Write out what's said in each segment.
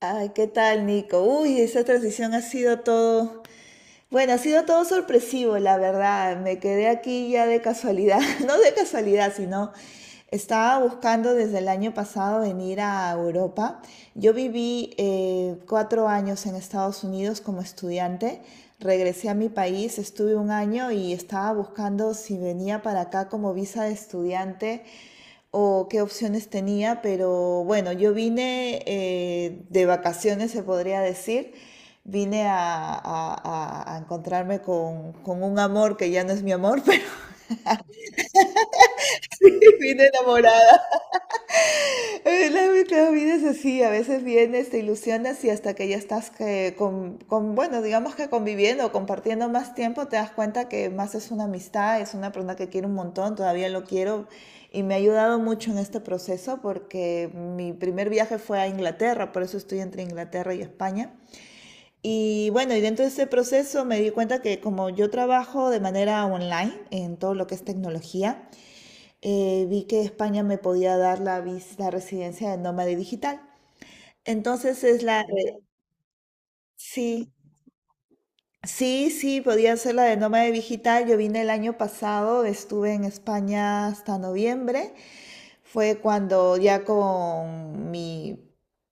Ay, ¿qué tal, Nico? Uy, esa transición ha sido todo, bueno, ha sido todo sorpresivo, la verdad. Me quedé aquí ya de casualidad, no de casualidad, sino estaba buscando desde el año pasado venir a Europa. Yo viví 4 años en Estados Unidos como estudiante, regresé a mi país, estuve un año y estaba buscando si venía para acá como visa de estudiante o qué opciones tenía, pero bueno, yo vine de vacaciones, se podría decir. Vine a encontrarme con un amor que ya no es mi amor, pero sí, vine enamorada. Eh, La, la vida es así, a veces vienes, te ilusionas y hasta que ya estás que bueno, digamos que conviviendo, o compartiendo más tiempo, te das cuenta que más es una amistad, es una persona que quiero un montón, todavía lo quiero y me ha ayudado mucho en este proceso porque mi primer viaje fue a Inglaterra, por eso estoy entre Inglaterra y España. Y bueno, y dentro de ese proceso me di cuenta que como yo trabajo de manera online en todo lo que es tecnología, vi que España me podía dar la residencia de nómade digital. Entonces sí, sí, sí, podía ser la de nómade digital. Yo vine el año pasado, estuve en España hasta noviembre. Fue cuando ya con mi,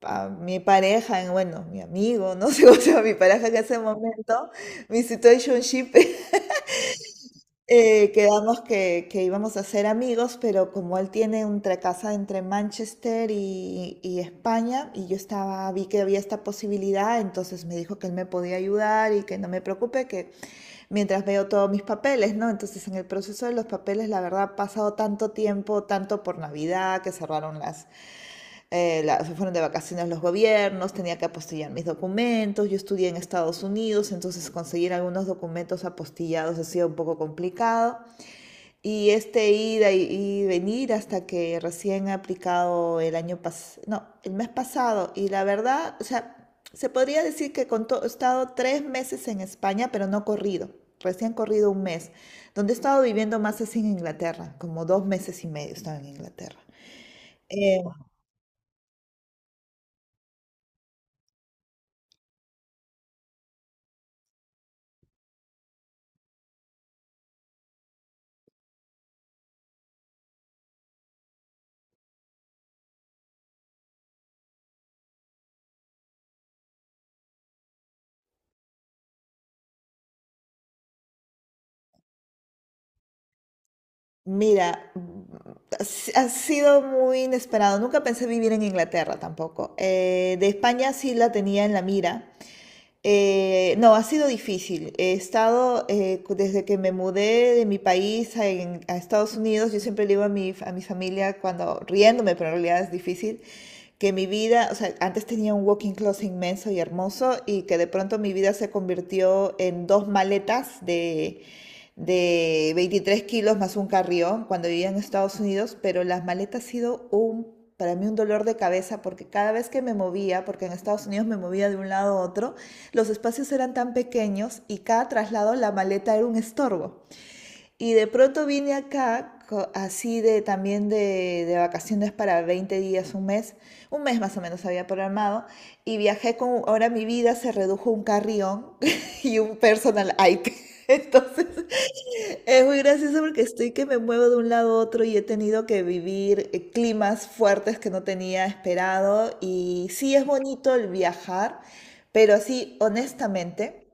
pa- mi pareja, bueno, mi amigo, no sé cómo se mi pareja que en ese momento, mi situationship quedamos que íbamos a ser amigos, pero como él tiene una casa entre Manchester y España, y yo estaba, vi que había esta posibilidad, entonces me dijo que él me podía ayudar y que no me preocupe, que mientras veo todos mis papeles, ¿no? Entonces en el proceso de los papeles, la verdad, ha pasado tanto tiempo, tanto por Navidad, que cerraron se fueron de vacaciones los gobiernos, tenía que apostillar mis documentos, yo estudié en Estados Unidos, entonces conseguir algunos documentos apostillados ha sido un poco complicado. Y este ida y venir hasta que recién ha aplicado el año pasado, no, el mes pasado. Y la verdad, o sea, se podría decir que he estado 3 meses en España, pero no corrido, recién corrido un mes, donde he estado viviendo más así en Inglaterra, como 2 meses y medio he estado en Inglaterra. Eh, Mira, ha sido muy inesperado. Nunca pensé vivir en Inglaterra tampoco. De España sí la tenía en la mira. No, ha sido difícil. He estado, desde que me mudé de mi país a Estados Unidos, yo siempre le digo a mi familia, cuando riéndome, pero en realidad es difícil, que mi vida, o sea, antes tenía un walking closet inmenso y hermoso y que de pronto mi vida se convirtió en dos maletas de 23 kilos más un carrión cuando vivía en Estados Unidos, pero las maletas ha sido para mí un dolor de cabeza porque cada vez que me movía, porque en Estados Unidos me movía de un lado a otro, los espacios eran tan pequeños y cada traslado la maleta era un estorbo. Y de pronto vine acá así de también de vacaciones para 20 días, un mes más o menos había programado y viajé con, ahora mi vida se redujo a un carrión y un personal Ike. Entonces es muy gracioso porque estoy que me muevo de un lado a otro y he tenido que vivir climas fuertes que no tenía esperado y sí es bonito el viajar, pero así honestamente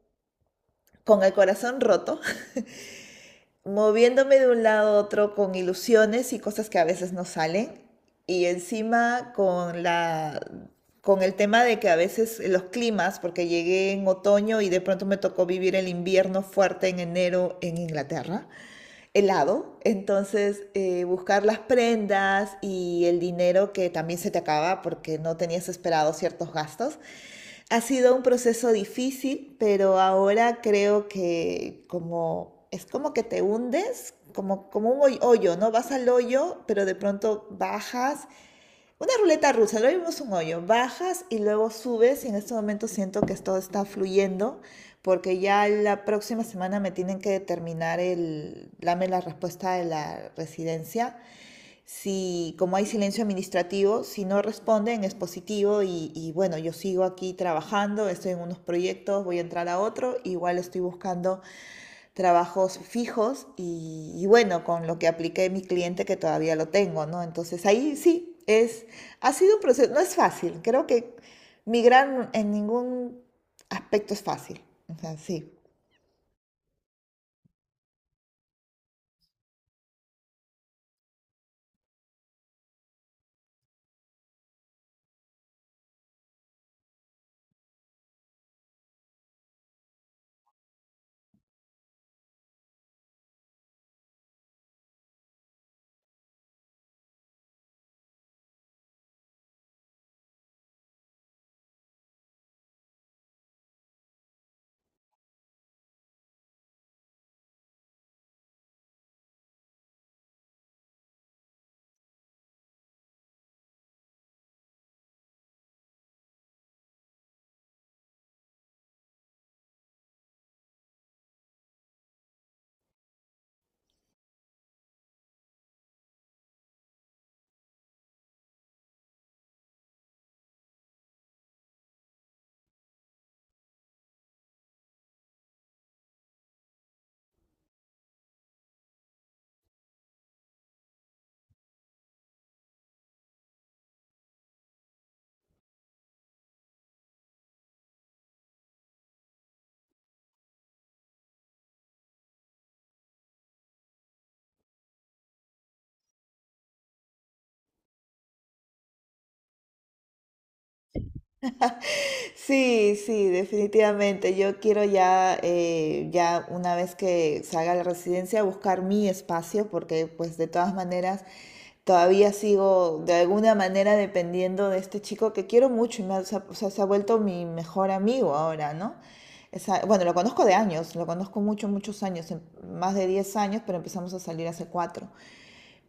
con el corazón roto, moviéndome de un lado a otro con ilusiones y cosas que a veces no salen, y encima con el tema de que a veces los climas, porque llegué en otoño y de pronto me tocó vivir el invierno fuerte en enero en Inglaterra, helado, entonces buscar las prendas y el dinero que también se te acaba porque no tenías esperado ciertos gastos. Ha sido un proceso difícil, pero ahora creo que como es como que te hundes, como, como un hoyo, ¿no? Vas al hoyo, pero de pronto bajas. Una ruleta rusa, lo vimos un hoyo. Bajas y luego subes y en este momento siento que todo está fluyendo porque ya la próxima semana me tienen que determinar el, dame la respuesta de la residencia. Si, como hay silencio administrativo, si no responden es positivo y bueno, yo sigo aquí trabajando, estoy en unos proyectos, voy a entrar a otro, igual estoy buscando trabajos fijos y bueno, con lo que apliqué mi cliente que todavía lo tengo, ¿no? Entonces ahí sí, ha sido un proceso, no es fácil, creo que migrar en ningún aspecto es fácil, o sea, sí. Sí, sí, definitivamente. Yo quiero ya una vez que salga la residencia, buscar mi espacio, porque pues de todas maneras todavía sigo de alguna manera dependiendo de este chico que quiero mucho y se ha, o sea, se ha vuelto mi mejor amigo ahora, ¿no? Bueno, lo conozco de años, lo conozco muchos, muchos años, más de 10 años, pero empezamos a salir hace 4.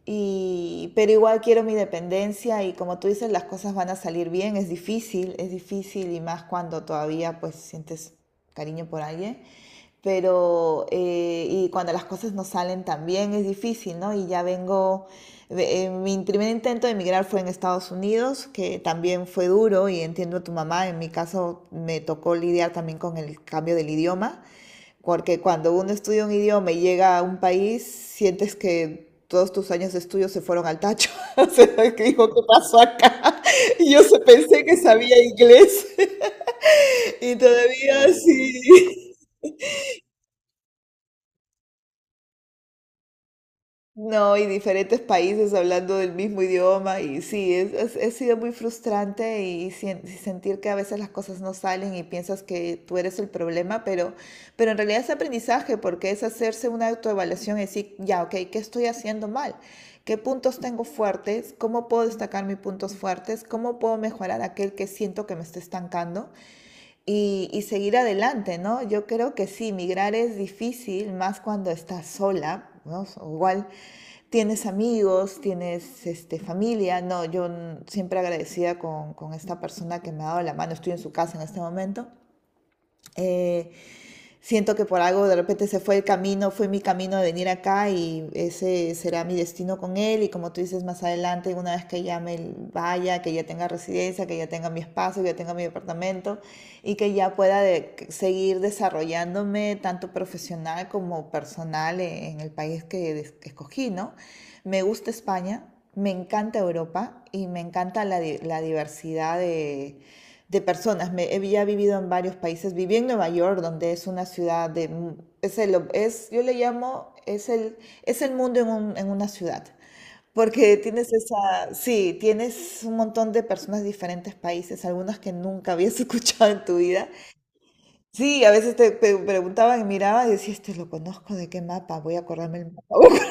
Y, pero igual quiero mi dependencia y como tú dices, las cosas van a salir bien. Es difícil y más cuando todavía pues sientes cariño por alguien. Pero, y cuando las cosas no salen tan bien es difícil, ¿no? Y ya vengo, mi primer intento de emigrar fue en Estados Unidos, que también fue duro y entiendo a tu mamá, en mi caso me tocó lidiar también con el cambio del idioma. Porque cuando uno estudia un idioma y llega a un país, sientes que todos tus años de estudio se fueron al tacho. O sea, que dijo, ¿qué pasó acá? Y yo pensé que sabía inglés y todavía sí. No, y diferentes países hablando del mismo idioma, y sí, ha sido muy frustrante y, sentir que a veces las cosas no salen y piensas que tú eres el problema, en realidad es aprendizaje porque es hacerse una autoevaluación y decir, ya, ok, ¿qué estoy haciendo mal? ¿Qué puntos tengo fuertes? ¿Cómo puedo destacar mis puntos fuertes? ¿Cómo puedo mejorar aquel que siento que me está estancando? Y seguir adelante, ¿no? Yo creo que sí, migrar es difícil, más cuando estás sola, ¿no? So, igual tienes amigos, tienes este, familia, no, yo siempre agradecida con esta persona que me ha dado la mano, estoy en su casa en este momento. Eh, Siento que por algo de repente se fue el camino, fue mi camino de venir acá y ese será mi destino con él. Y como tú dices, más adelante, una vez que ya me vaya, que ya tenga residencia, que ya tenga mi espacio, que ya tenga mi departamento y que ya pueda seguir desarrollándome tanto profesional como personal el país que escogí, ¿no? Me gusta España, me encanta Europa y me encanta la diversidad de personas. He vivido en varios países. Viví en Nueva York, donde es una ciudad de... Yo le llamo, es el mundo en una ciudad. Porque tienes esa, sí, tienes un montón de personas de diferentes países, algunas que nunca habías escuchado en tu vida. Sí, a veces te preguntaban y miraban y decías, este lo conozco, ¿de qué mapa? Voy a acordarme el mapa.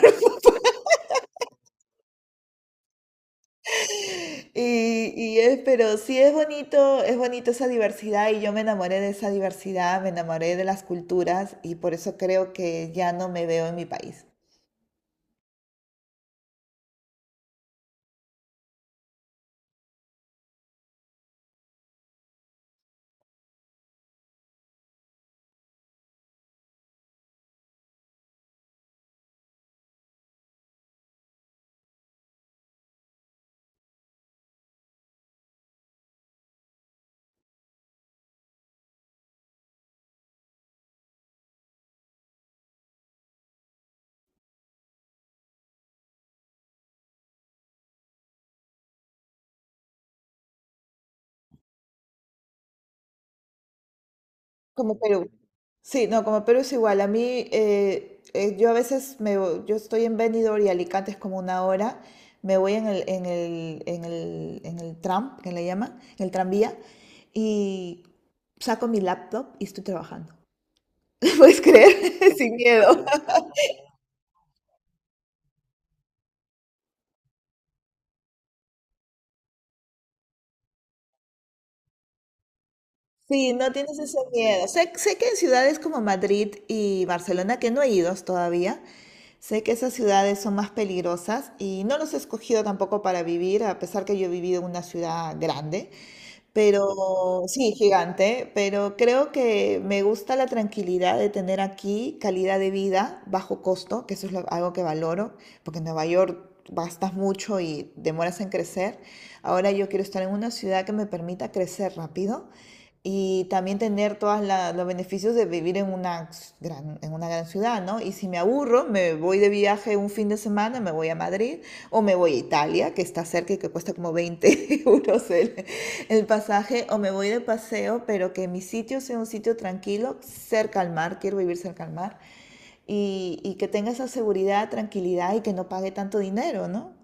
Y es, pero sí es bonito esa diversidad y yo me enamoré de esa diversidad, me enamoré de las culturas y por eso creo que ya no me veo en mi país. Como Perú. Sí, no, como Perú es igual. A mí, yo a veces yo estoy en Benidorm y Alicante es como una hora. Me voy en el tram, que le llaman, en el tranvía, y saco mi laptop y estoy trabajando. ¿Puedes creer? Sin miedo. Sí, no tienes ese miedo. Sé que en ciudades como Madrid y Barcelona, que no he ido todavía, sé que esas ciudades son más peligrosas y no los he escogido tampoco para vivir, a pesar que yo he vivido en una ciudad grande, pero sí, gigante, pero creo que me gusta la tranquilidad de tener aquí calidad de vida bajo costo, que eso es algo que valoro, porque en Nueva York gastas mucho y demoras en crecer. Ahora yo quiero estar en una ciudad que me permita crecer rápido y también tener todos los beneficios de vivir en en una gran ciudad, ¿no? Y si me aburro, me voy de viaje un fin de semana, me voy a Madrid o me voy a Italia, que está cerca y que cuesta como 20 euros el pasaje, o me voy de paseo, pero que mi sitio sea un sitio tranquilo, cerca al mar, quiero vivir cerca al mar, y que tenga esa seguridad, tranquilidad y que no pague tanto dinero, ¿no?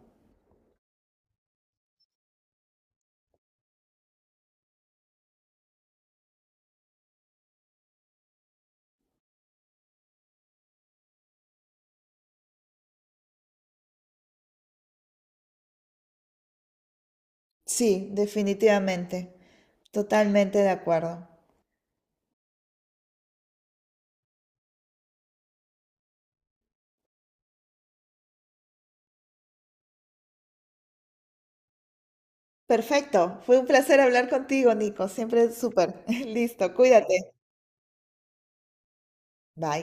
Sí, definitivamente, totalmente de acuerdo. Perfecto, fue un placer hablar contigo, Nico, siempre súper. Listo, cuídate. Bye.